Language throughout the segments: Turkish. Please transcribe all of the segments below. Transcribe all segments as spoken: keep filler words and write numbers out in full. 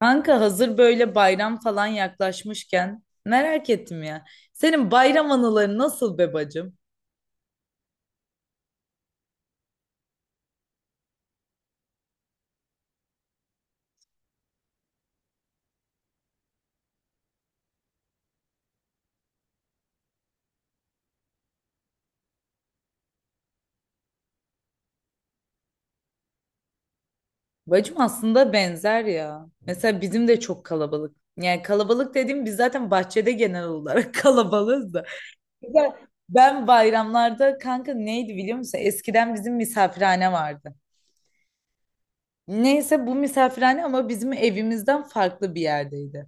Kanka hazır böyle bayram falan yaklaşmışken merak ettim ya. Senin bayram anıları nasıl be bacım? Bacım aslında benzer ya. Mesela bizim de çok kalabalık. Yani kalabalık dediğim biz zaten bahçede genel olarak kalabalığız da. Mesela ben bayramlarda kanka neydi biliyor musun? Eskiden bizim misafirhane vardı. Neyse bu misafirhane ama bizim evimizden farklı bir yerdeydi.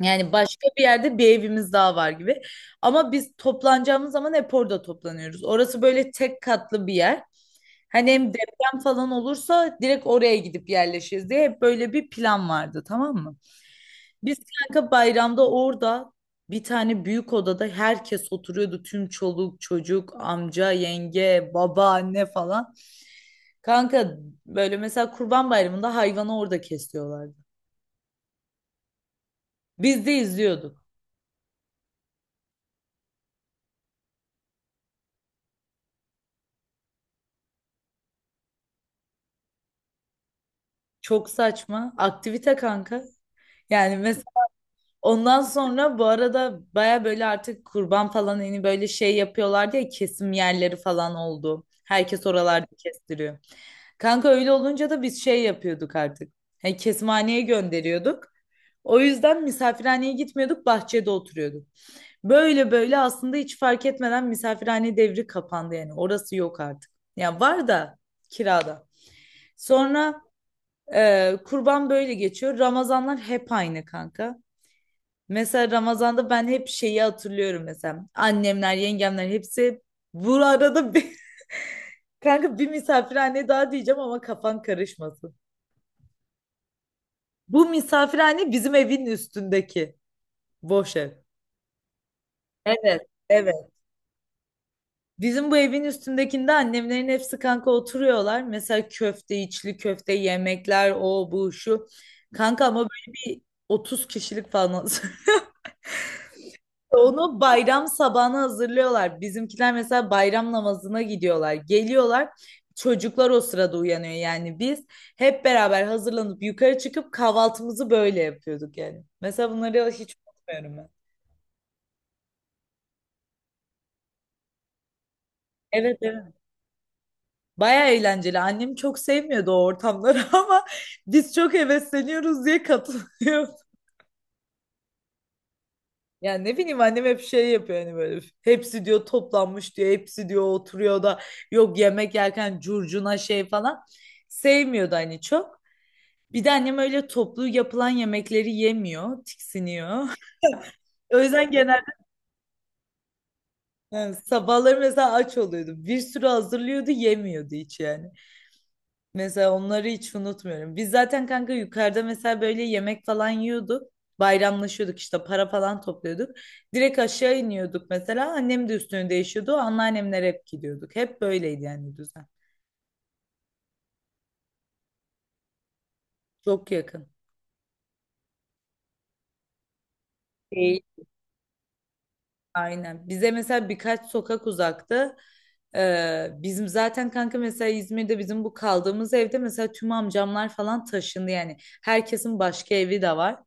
Yani başka bir yerde bir evimiz daha var gibi. Ama biz toplanacağımız zaman hep orada toplanıyoruz. Orası böyle tek katlı bir yer. Hani hem deprem falan olursa direkt oraya gidip yerleşiriz diye hep böyle bir plan vardı tamam mı? Biz kanka bayramda orada bir tane büyük odada herkes oturuyordu. Tüm çoluk, çocuk, amca, yenge, baba, anne falan. Kanka böyle mesela Kurban Bayramı'nda hayvanı orada kesiyorlardı. Biz de izliyorduk. Çok saçma. Aktivite kanka. Yani mesela ondan sonra bu arada baya böyle artık kurban falan hani böyle şey yapıyorlar diye kesim yerleri falan oldu. Herkes oralarda kestiriyor. Kanka öyle olunca da biz şey yapıyorduk artık. Hani kesimhaneye gönderiyorduk. O yüzden misafirhaneye gitmiyorduk, bahçede oturuyorduk. Böyle böyle aslında hiç fark etmeden misafirhane devri kapandı yani. Orası yok artık. Ya var da kirada. Sonra ee, kurban böyle geçiyor. Ramazanlar hep aynı kanka. Mesela Ramazan'da ben hep şeyi hatırlıyorum mesela. Annemler, yengemler hepsi bu arada bir, kanka bir misafirhane daha diyeceğim ama kafan karışmasın. Bu misafirhane bizim evin üstündeki boş ev. Evet, evet. Bizim bu evin üstündekinde annemlerin hepsi kanka oturuyorlar. Mesela köfte, içli köfte, yemekler, o bu şu. Kanka ama böyle bir otuz kişilik falan. Onu bayram sabahına hazırlıyorlar. Bizimkiler mesela bayram namazına gidiyorlar. Geliyorlar. Çocuklar o sırada uyanıyor. Yani biz hep beraber hazırlanıp yukarı çıkıp kahvaltımızı böyle yapıyorduk yani. Mesela bunları hiç unutmuyorum ben. Evet evet. Baya eğlenceli. Annem çok sevmiyordu o ortamları ama biz çok hevesleniyoruz diye katılıyor. Yani ne bileyim annem hep şey yapıyor hani böyle hepsi diyor toplanmış diyor hepsi diyor oturuyor da yok yemek yerken curcuna şey falan sevmiyordu hani çok. Bir de annem öyle toplu yapılan yemekleri yemiyor, tiksiniyor. O yüzden genelde yani sabahları mesela aç oluyordu. Bir sürü hazırlıyordu, yemiyordu hiç yani. Mesela onları hiç unutmuyorum. Biz zaten kanka yukarıda mesela böyle yemek falan yiyorduk. Bayramlaşıyorduk işte para falan topluyorduk. Direkt aşağı iniyorduk mesela. Annem de üstünü değişiyordu. Anneannemler hep gidiyorduk. Hep böyleydi yani düzen. Çok yakın. Aynen. Bize mesela birkaç sokak uzakta e, bizim zaten kanka mesela İzmir'de bizim bu kaldığımız evde mesela tüm amcamlar falan taşındı yani. Herkesin başka evi de var.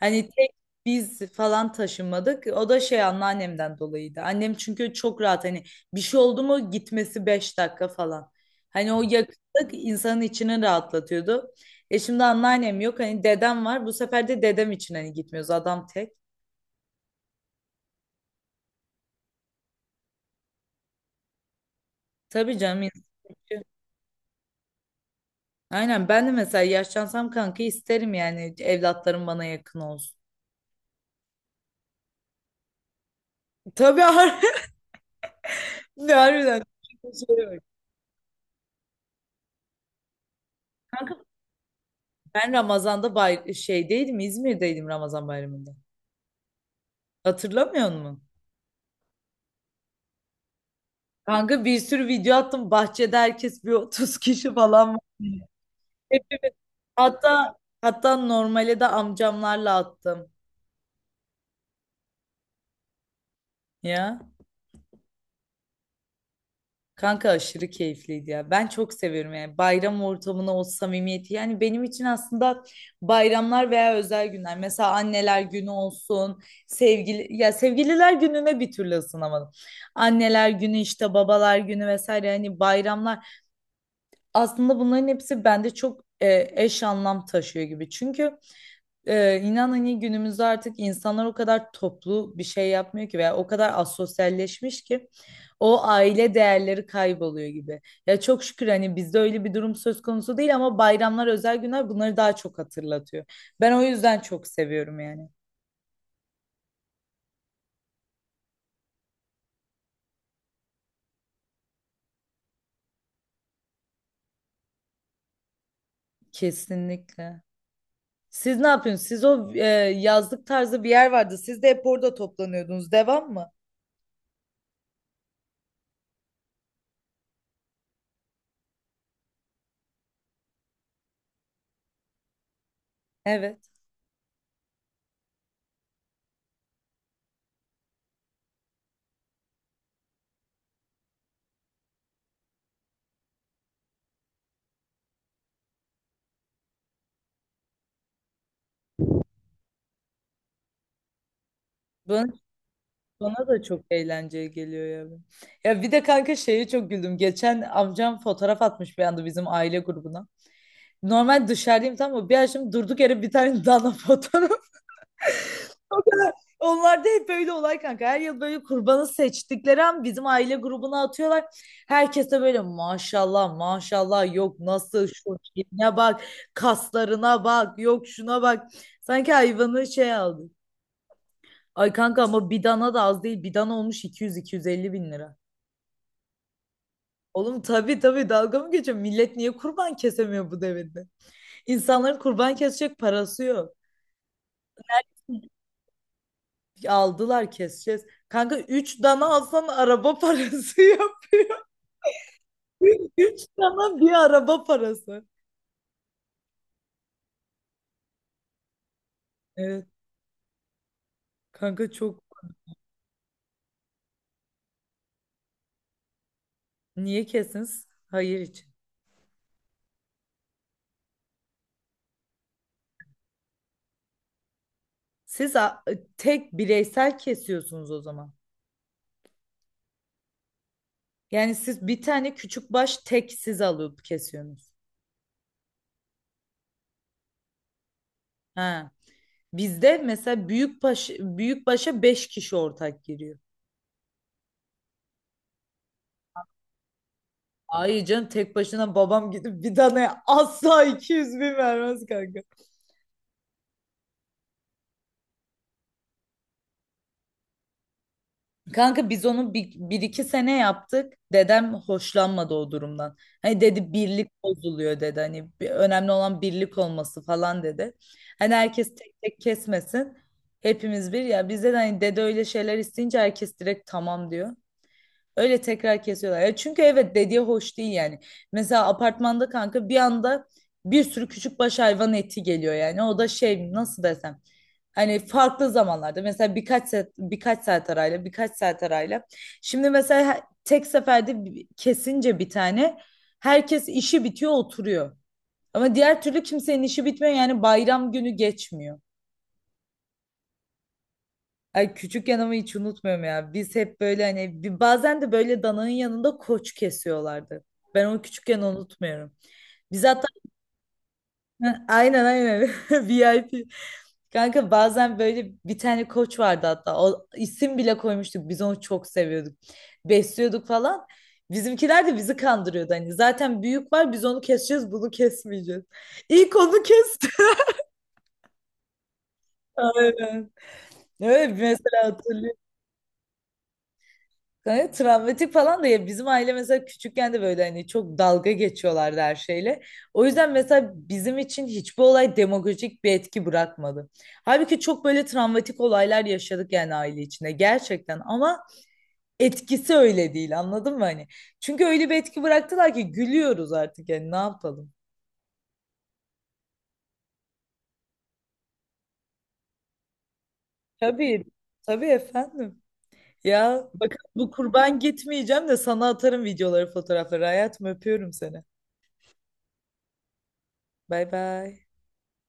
Hani tek biz falan taşınmadık. O da şey anneannemden dolayıydı. Annem çünkü çok rahat hani bir şey oldu mu gitmesi beş dakika falan. Hani o yakınlık insanın içini rahatlatıyordu. E şimdi anneannem yok hani dedem var. Bu sefer de dedem için hani gitmiyoruz adam tek. Tabii canım. Aynen ben de mesela yaşlansam kanka isterim yani evlatlarım bana yakın olsun. Tabii har- ne harbiden. Şöyle bak. Ben Ramazan'da bay şeydeydim İzmir'deydim Ramazan bayramında. Hatırlamıyor musun? Kanka bir sürü video attım bahçede herkes bir otuz kişi falan var. Hepimiz- Hatta hatta normale de amcamlarla attım ya. Kanka aşırı keyifliydi ya. Ben çok seviyorum yani bayram ortamına o samimiyeti. Yani benim için aslında bayramlar veya özel günler. Mesela anneler günü olsun, sevgili ya sevgililer gününe bir türlü ısınamadım. Anneler günü işte babalar günü vesaire hani bayramlar aslında bunların hepsi bende çok e, eş anlam taşıyor gibi. Çünkü ee, inan hani günümüzde artık insanlar o kadar toplu bir şey yapmıyor ki veya o kadar asosyalleşmiş ki o aile değerleri kayboluyor gibi. Ya çok şükür hani bizde öyle bir durum söz konusu değil ama bayramlar, özel günler bunları daha çok hatırlatıyor. Ben o yüzden çok seviyorum yani. Kesinlikle. Siz ne yapıyorsunuz? Siz o e, yazlık tarzı bir yer vardı. Siz de hep orada toplanıyordunuz. Devam mı? Evet. Bana da çok eğlenceli geliyor ya. Ya bir de kanka şeye çok güldüm. Geçen amcam fotoğraf atmış bir anda bizim aile grubuna. Normal dışarıdayım tamam mı? Bir açtım durduk yere bir tane dana fotoğraf. O kadar. Onlar da hep böyle olay kanka. Her yıl böyle kurbanı seçtikleri an bizim aile grubuna atıyorlar. Herkes de böyle maşallah maşallah yok nasıl şu şeyine bak kaslarına bak yok şuna bak. Sanki hayvanı şey aldı. Ay kanka ama bir dana da az değil. Bir dana olmuş iki iki yüz iki yüz elli bin lira. Oğlum tabii tabii dalga mı geçiyor? Millet niye kurban kesemiyor bu devirde? İnsanların kurban kesecek parası yok. Aldılar keseceğiz. Kanka üç dana alsan araba parası yok. Üç dana bir araba parası. Evet kanka çok niye kesiniz? Hayır için. Siz a- tek bireysel kesiyorsunuz o zaman. Yani siz bir tane küçük baş tek siz alıp kesiyorsunuz. Ha. Bizde mesela büyük baş büyük başa beş kişi ortak giriyor. Ay canım tek başına babam gidip bir tane asla iki yüz bin vermez kanka. Kanka biz onu bir, bir iki sene yaptık. Dedem hoşlanmadı o durumdan. Hani dedi birlik bozuluyor dedi. Hani bir- önemli olan birlik olması falan dedi. Hani herkes tek tek kesmesin. Hepimiz bir ya bizde de hani dede öyle şeyler isteyince herkes direkt tamam diyor. Öyle tekrar kesiyorlar. Ya çünkü evet dediği hoş değil yani. Mesela apartmanda kanka bir anda bir sürü küçük baş hayvan eti geliyor yani. O da şey nasıl desem. Hani farklı zamanlarda mesela birkaç saat, birkaç saat arayla birkaç saat arayla. Şimdi mesela he- tek seferde bi- kesince bir tane herkes işi bitiyor oturuyor. Ama diğer türlü kimsenin işi bitmiyor yani bayram günü geçmiyor. Ay küçükken ama hiç unutmuyorum ya. Biz hep böyle hani bir- bazen de böyle dananın yanında koç kesiyorlardı. Ben onu küçükken unutmuyorum. Biz hatta aynen aynen VIP. Kanka bazen böyle bir tane koç vardı hatta. O isim bile koymuştuk. Biz onu çok seviyorduk. Besliyorduk falan. Bizimkiler de bizi kandırıyordu hani. Zaten büyük var biz onu keseceğiz bunu kesmeyeceğiz. İlk onu kesti. Aynen. Evet mesela gayet travmatik falan da ya bizim aile mesela küçükken de böyle hani çok dalga geçiyorlardı her şeyle. O yüzden mesela bizim için hiçbir olay demagojik bir etki bırakmadı. Halbuki çok böyle travmatik olaylar yaşadık yani aile içinde gerçekten ama etkisi öyle değil anladın mı hani? Çünkü öyle bir etki bıraktılar ki gülüyoruz artık yani ne yapalım? Tabii, tabii efendim. Ya bakın bu kurban gitmeyeceğim de sana atarım videoları, fotoğrafları. Hayatım öpüyorum seni. Bay bay.